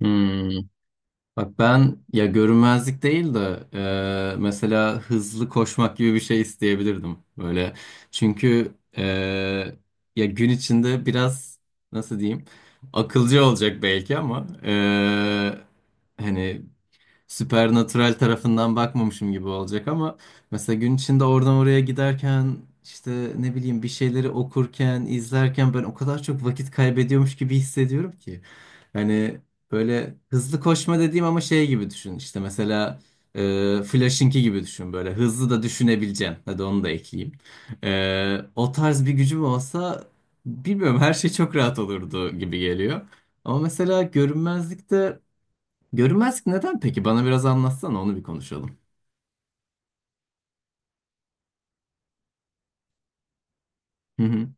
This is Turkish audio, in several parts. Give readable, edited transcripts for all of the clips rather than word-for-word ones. Hmm. Bak ben ya görünmezlik değil de mesela hızlı koşmak gibi bir şey isteyebilirdim böyle. Çünkü ya gün içinde biraz nasıl diyeyim akılcı olacak belki ama hani supernatural tarafından bakmamışım gibi olacak ama mesela gün içinde oradan oraya giderken işte ne bileyim bir şeyleri okurken, izlerken ben o kadar çok vakit kaybediyormuş gibi hissediyorum ki. Hani böyle hızlı koşma dediğim ama şey gibi düşün. İşte mesela Flash'ınki gibi düşün böyle. Hızlı da düşünebileceğim. Hadi onu da ekleyeyim. O tarz bir gücüm olsa bilmiyorum, her şey çok rahat olurdu gibi geliyor. Ama mesela görünmezlikte görünmezlik neden peki? Bana biraz anlatsana, onu bir konuşalım. Hı hı.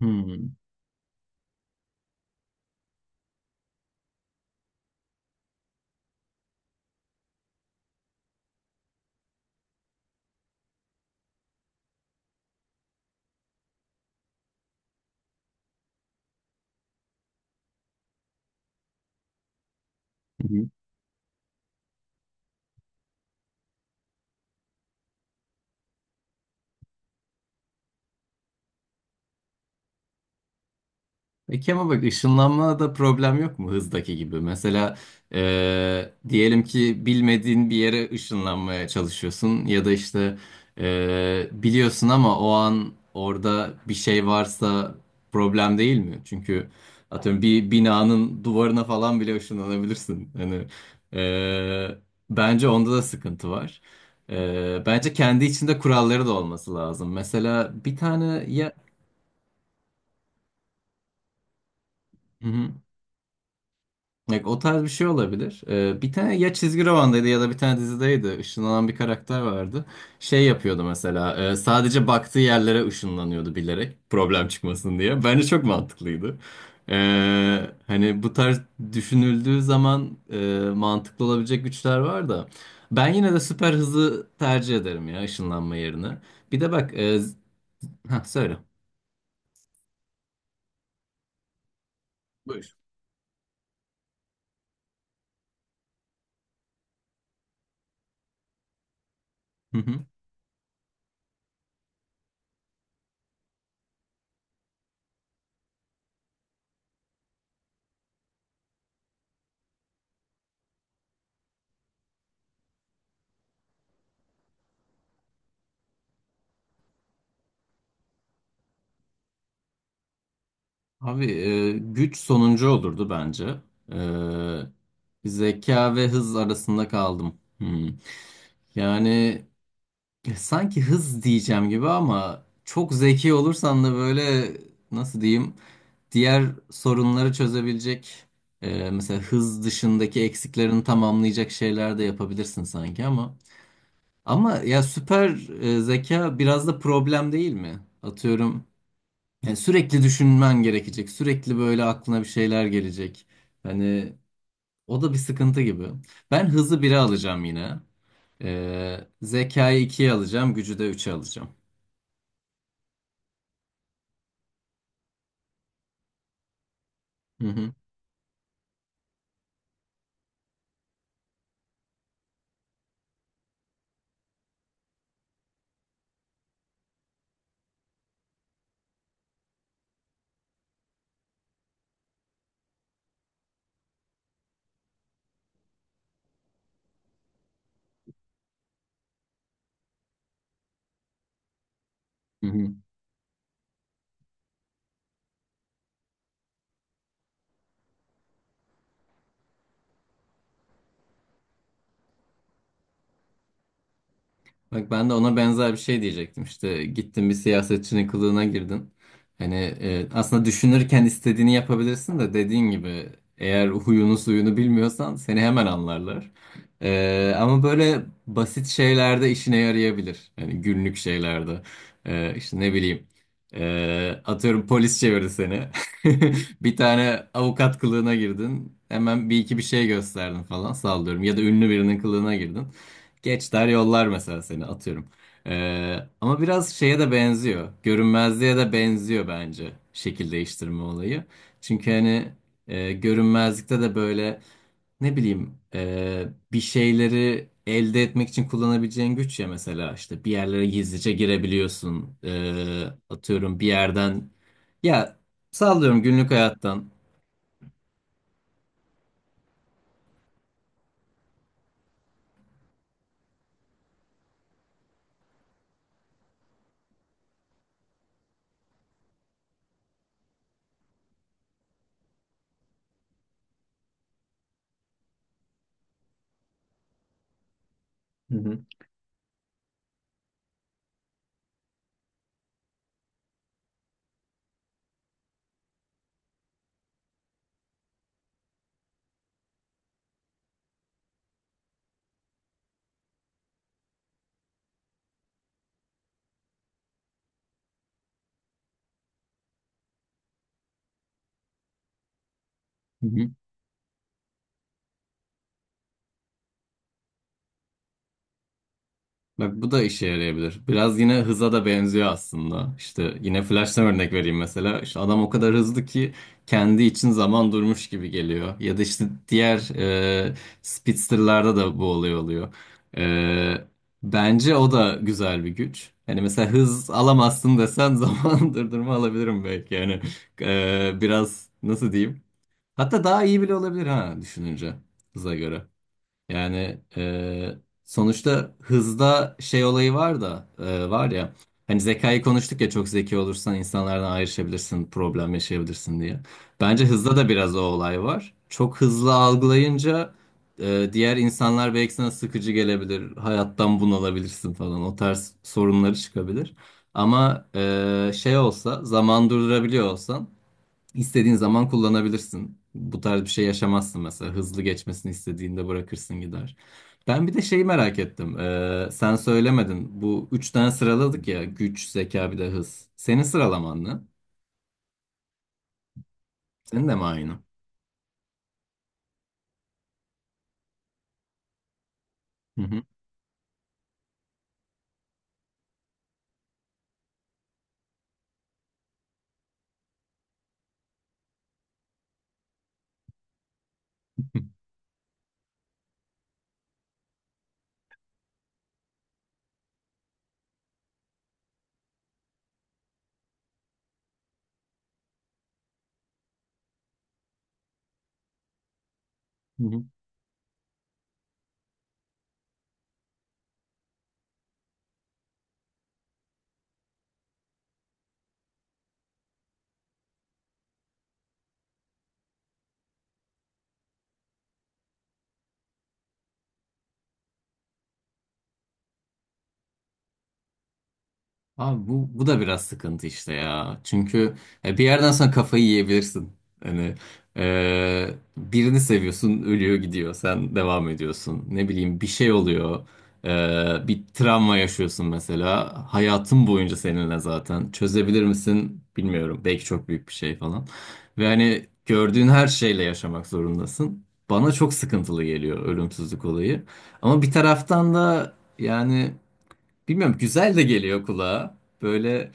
Hı hı. Peki ama bak, ışınlanmada problem yok mu hızdaki gibi? Mesela diyelim ki bilmediğin bir yere ışınlanmaya çalışıyorsun ya da işte biliyorsun ama o an orada bir şey varsa problem değil mi? Çünkü atıyorum bir binanın duvarına falan bile ışınlanabilirsin. Hani e, bence onda da sıkıntı var. Bence kendi içinde kuralları da olması lazım. Mesela bir tane ya... Hı hı. Bak, o tarz bir şey olabilir. Bir tane ya çizgi romandaydı ya da bir tane dizideydi. Işınlanan bir karakter vardı. Şey yapıyordu mesela. Sadece baktığı yerlere ışınlanıyordu bilerek. Problem çıkmasın diye. Bence çok mantıklıydı. Hani bu tarz düşünüldüğü zaman mantıklı olabilecek güçler var da. Ben yine de süper hızı tercih ederim ya ışınlanma yerine. Bir de bak. Ha söyle. Buyur. Abi güç sonuncu olurdu bence. Zeka ve hız arasında kaldım. Hmm. Yani sanki hız diyeceğim gibi ama çok zeki olursan da böyle nasıl diyeyim, diğer sorunları çözebilecek, mesela hız dışındaki eksiklerini tamamlayacak şeyler de yapabilirsin sanki ama ya süper zeka biraz da problem değil mi? Atıyorum. Yani sürekli düşünmen gerekecek. Sürekli böyle aklına bir şeyler gelecek. Hani o da bir sıkıntı gibi. Ben hızı 1'e alacağım yine. Zekayı ikiye alacağım. Gücü de üçe alacağım. Hı hı. Hı hı. Bak, ben de ona benzer bir şey diyecektim. İşte gittin, bir siyasetçinin kılığına girdin. Hani aslında düşünürken istediğini yapabilirsin de dediğin gibi, eğer huyunu suyunu bilmiyorsan seni hemen anlarlar. Ama böyle basit şeylerde işine yarayabilir. Hani günlük şeylerde. İşte ne bileyim. Atıyorum polis çevirdi seni. Bir tane avukat kılığına girdin. Hemen bir iki bir şey gösterdin falan, sallıyorum. Ya da ünlü birinin kılığına girdin. Geç der yollar mesela seni, atıyorum. Ama biraz şeye de benziyor. Görünmezliğe de benziyor bence şekil değiştirme olayı. Çünkü hani görünmezlikte de böyle ne bileyim, bir şeyleri elde etmek için kullanabileceğin güç ya, mesela işte bir yerlere gizlice girebiliyorsun. Atıyorum bir yerden ya, sallıyorum günlük hayattan. Hı hı. Bak, bu da işe yarayabilir. Biraz yine hıza da benziyor aslında. İşte yine Flash'tan örnek vereyim mesela. İşte adam o kadar hızlı ki kendi için zaman durmuş gibi geliyor. Ya da işte diğer e, Speedster'larda da bu olay oluyor. E, Bence o da güzel bir güç. Hani mesela hız alamazsın desen zaman durdurma alabilirim belki. Yani biraz nasıl diyeyim? Hatta daha iyi bile olabilir ha, düşününce hıza göre. Yani sonuçta hızda şey olayı var da, var ya, hani zekayı konuştuk ya, çok zeki olursan insanlardan ayrışabilirsin, problem yaşayabilirsin diye. Bence hızda da biraz o olay var. Çok hızlı algılayınca diğer insanlar belki sana sıkıcı gelebilir, hayattan bunalabilirsin falan, o tarz sorunları çıkabilir. Ama şey olsa, zaman durdurabiliyor olsan, İstediğin zaman kullanabilirsin. Bu tarz bir şey yaşamazsın mesela. Hızlı geçmesini istediğinde bırakırsın gider. Ben bir de şeyi merak ettim. Sen söylemedin. Bu üç tane sıraladık ya. Güç, zeka bir de hız. Senin sıralaman ne? Senin de mi aynı? Hı hı. Abi bu da biraz sıkıntı işte ya. Çünkü bir yerden sonra kafayı yiyebilirsin. Hani e, birini seviyorsun, ölüyor gidiyor, sen devam ediyorsun. Ne bileyim bir şey oluyor. Bir travma yaşıyorsun mesela. Hayatın boyunca seninle zaten. Çözebilir misin bilmiyorum. Belki çok büyük bir şey falan. Ve hani gördüğün her şeyle yaşamak zorundasın. Bana çok sıkıntılı geliyor ölümsüzlük olayı. Ama bir taraftan da yani... Bilmiyorum, güzel de geliyor kulağa. Böyle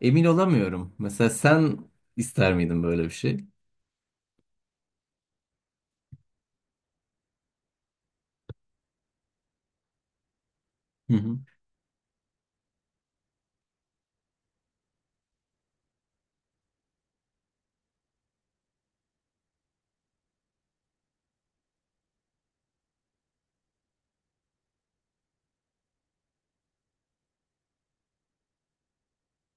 emin olamıyorum. Mesela sen ister miydin böyle bir şey? Hı hı.